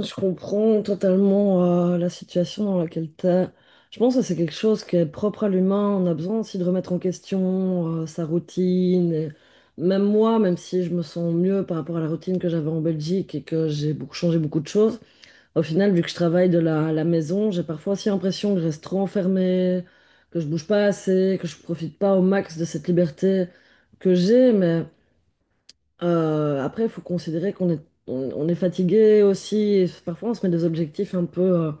Je comprends totalement la situation dans laquelle t'es. Je pense que c'est quelque chose qui est propre à l'humain. On a besoin aussi de remettre en question sa routine. Et même moi, même si je me sens mieux par rapport à la routine que j'avais en Belgique et que j'ai beaucoup changé beaucoup de choses, au final, vu que je travaille à la maison, j'ai parfois aussi l'impression que je reste trop enfermée, que je bouge pas assez, que je profite pas au max de cette liberté que j'ai. Mais après, il faut considérer on est fatigué aussi. Et parfois, on se met des objectifs un peu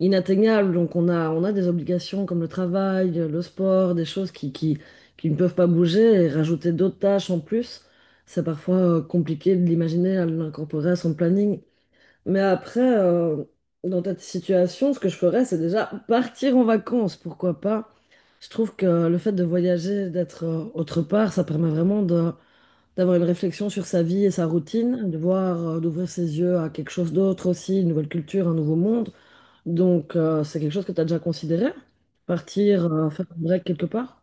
inatteignables. Donc, on a des obligations comme le travail, le sport, des choses qui ne peuvent pas bouger. Et rajouter d'autres tâches en plus, c'est parfois compliqué de l'imaginer, à l'incorporer à son planning. Mais après, dans cette situation, ce que je ferais, c'est déjà partir en vacances. Pourquoi pas? Je trouve que le fait de voyager, d'être autre part, ça permet vraiment de d'avoir une réflexion sur sa vie et sa routine, de voir, d'ouvrir ses yeux à quelque chose d'autre aussi, une nouvelle culture, un nouveau monde. Donc, c'est quelque chose que tu as déjà considéré, partir, faire un break quelque part.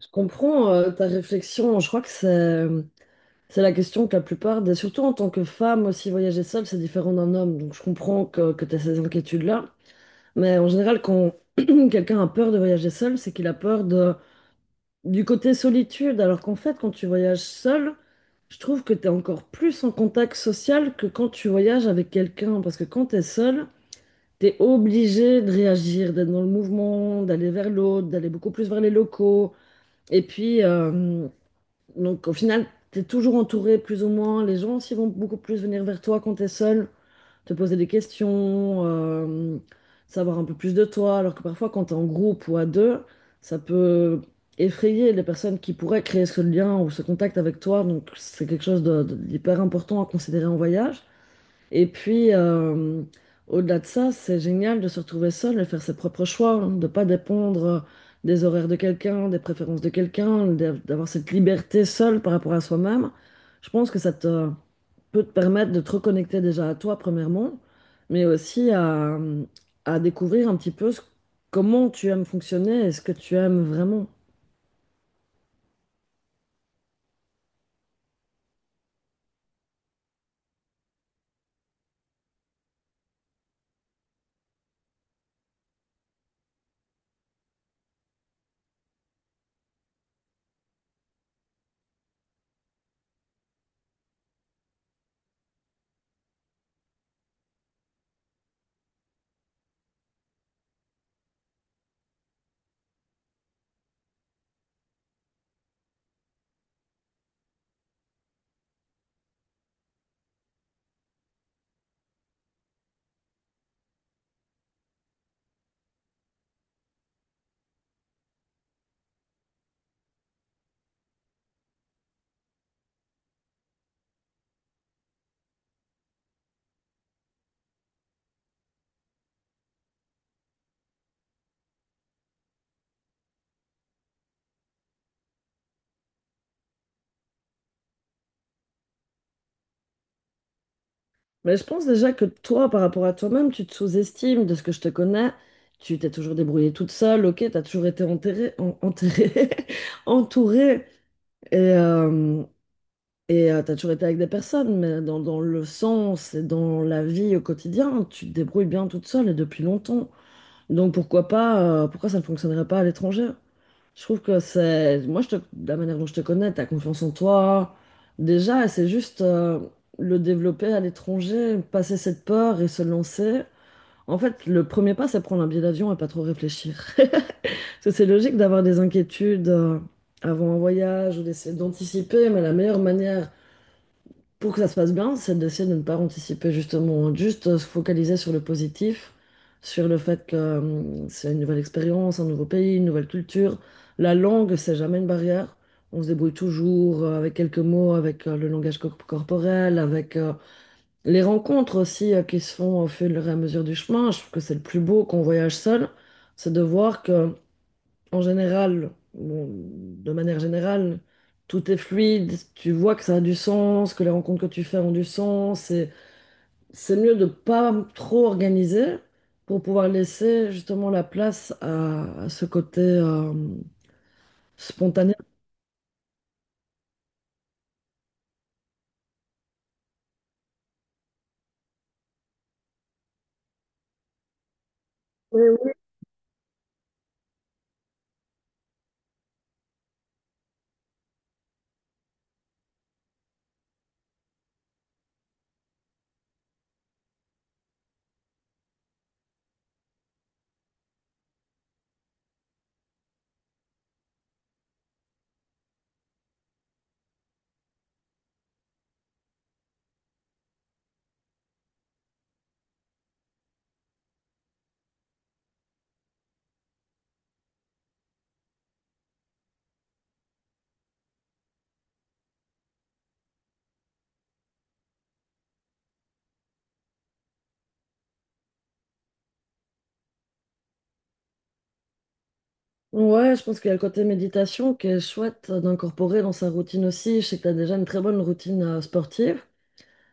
Je comprends ta réflexion, je crois que c'est la question que la plupart des, surtout en tant que femme aussi, voyager seule, c'est différent d'un homme, donc je comprends que tu as ces inquiétudes-là. Mais en général, quand quelqu'un a peur de voyager seul, c'est qu'il a peur de du côté solitude, alors qu'en fait, quand tu voyages seul, je trouve que tu es encore plus en contact social que quand tu voyages avec quelqu'un. Parce que quand tu es seul, tu es obligé de réagir, d'être dans le mouvement, d'aller vers l'autre, d'aller beaucoup plus vers les locaux. Et puis, donc au final, tu es toujours entouré plus ou moins. Les gens aussi vont beaucoup plus venir vers toi quand tu es seul te poser des questions, savoir un peu plus de toi, alors que parfois quand tu es en groupe ou à deux, ça peut effrayer les personnes qui pourraient créer ce lien ou ce contact avec toi, donc c'est quelque chose d'hyper important à considérer en voyage. Et puis, au-delà de ça, c'est génial de se retrouver seul et faire ses propres choix, hein, de ne pas dépendre des horaires de quelqu'un, des préférences de quelqu'un, d'avoir cette liberté seule par rapport à soi-même. Je pense que peut te permettre de te reconnecter déjà à toi, premièrement, mais aussi à découvrir un petit peu comment tu aimes fonctionner et ce que tu aimes vraiment. Mais je pense déjà que toi, par rapport à toi-même, tu te sous-estimes de ce que je te connais. Tu t'es toujours débrouillée toute seule, ok, t'as toujours été enterrée, entourée, et, euh, et t'as toujours été avec des personnes, mais dans le sens et dans la vie au quotidien, tu te débrouilles bien toute seule et depuis longtemps. Donc pourquoi pas, pourquoi ça ne fonctionnerait pas à l'étranger? Je trouve que c'est, de la manière dont je te connais, t'as confiance en toi. Déjà, et c'est juste le développer à l'étranger, passer cette peur et se lancer. En fait, le premier pas, c'est prendre un billet d'avion et pas trop réfléchir. Parce que c'est logique d'avoir des inquiétudes avant un voyage ou d'essayer d'anticiper, mais la meilleure manière pour que ça se passe bien, c'est d'essayer de ne pas anticiper justement, juste se focaliser sur le positif, sur le fait que c'est une nouvelle expérience, un nouveau pays, une nouvelle culture. La langue, c'est jamais une barrière. On se débrouille toujours avec quelques mots, avec le langage corporel, avec les rencontres aussi qui se font au fur et à mesure du chemin. Je trouve que c'est le plus beau quand on voyage seul, c'est de voir que en général, bon, de manière générale, tout est fluide, tu vois que ça a du sens, que les rencontres que tu fais ont du sens, et c'est mieux de pas trop organiser pour pouvoir laisser justement la place à ce côté spontané. Ouais, ouais, je pense qu'il y a le côté méditation qui est chouette d'incorporer dans sa routine aussi. Je sais que tu as déjà une très bonne routine sportive.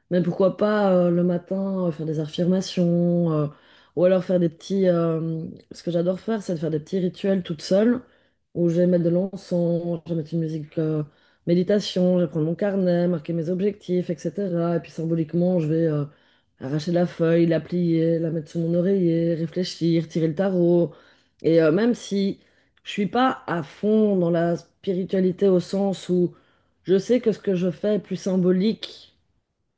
Mais pourquoi pas le matin faire des affirmations ou alors faire des petits. Ce que j'adore faire, c'est de faire des petits rituels toute seule où je vais mettre de l'encens, je vais mettre une musique méditation, je vais prendre mon carnet, marquer mes objectifs, etc. Et puis symboliquement, je vais arracher la feuille, la plier, la mettre sous mon oreiller, réfléchir, tirer le tarot. Et même si je suis pas à fond dans la spiritualité au sens où je sais que ce que je fais est plus symbolique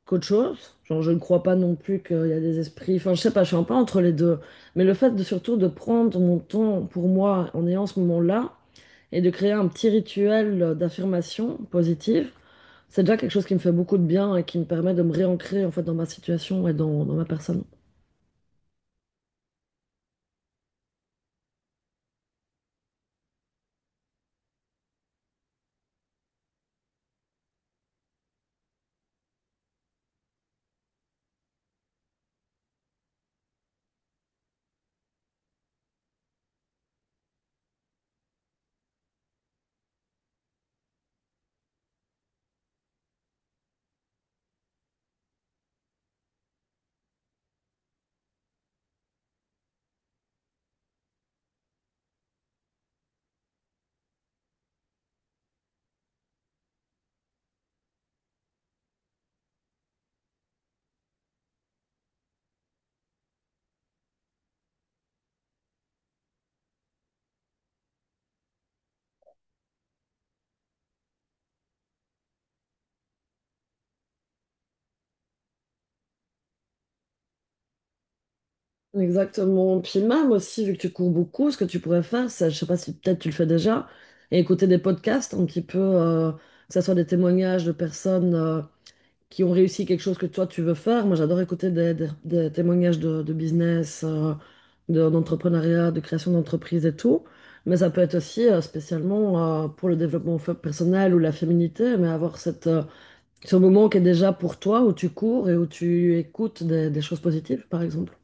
qu'autre chose. Genre, je ne crois pas non plus qu'il y a des esprits. Enfin, je sais pas, je suis un peu entre les deux. Mais le fait de surtout de prendre mon temps pour moi en ayant ce moment-là et de créer un petit rituel d'affirmation positive, c'est déjà quelque chose qui me fait beaucoup de bien et qui me permet de me réancrer en fait dans ma situation et dans ma personne. Exactement. Puis même aussi, vu que tu cours beaucoup, ce que tu pourrais faire, c'est, je sais pas si peut-être tu le fais déjà, et écouter des podcasts un petit peu, que ce soit des témoignages de personnes. Qui ont réussi quelque chose que toi tu veux faire. Moi, j'adore écouter des témoignages de business, d'entrepreneuriat, de création d'entreprise et tout. Mais ça peut être aussi spécialement pour le développement personnel ou la féminité, mais avoir cette, ce moment qui est déjà pour toi, où tu cours et où tu écoutes des choses positives, par exemple.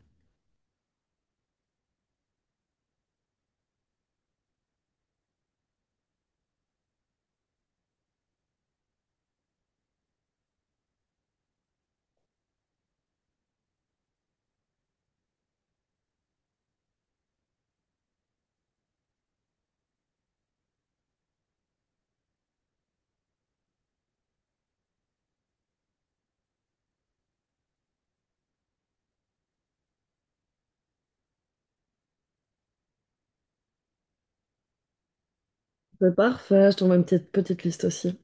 C'est parfait, je t'envoie une petite, petite liste aussi.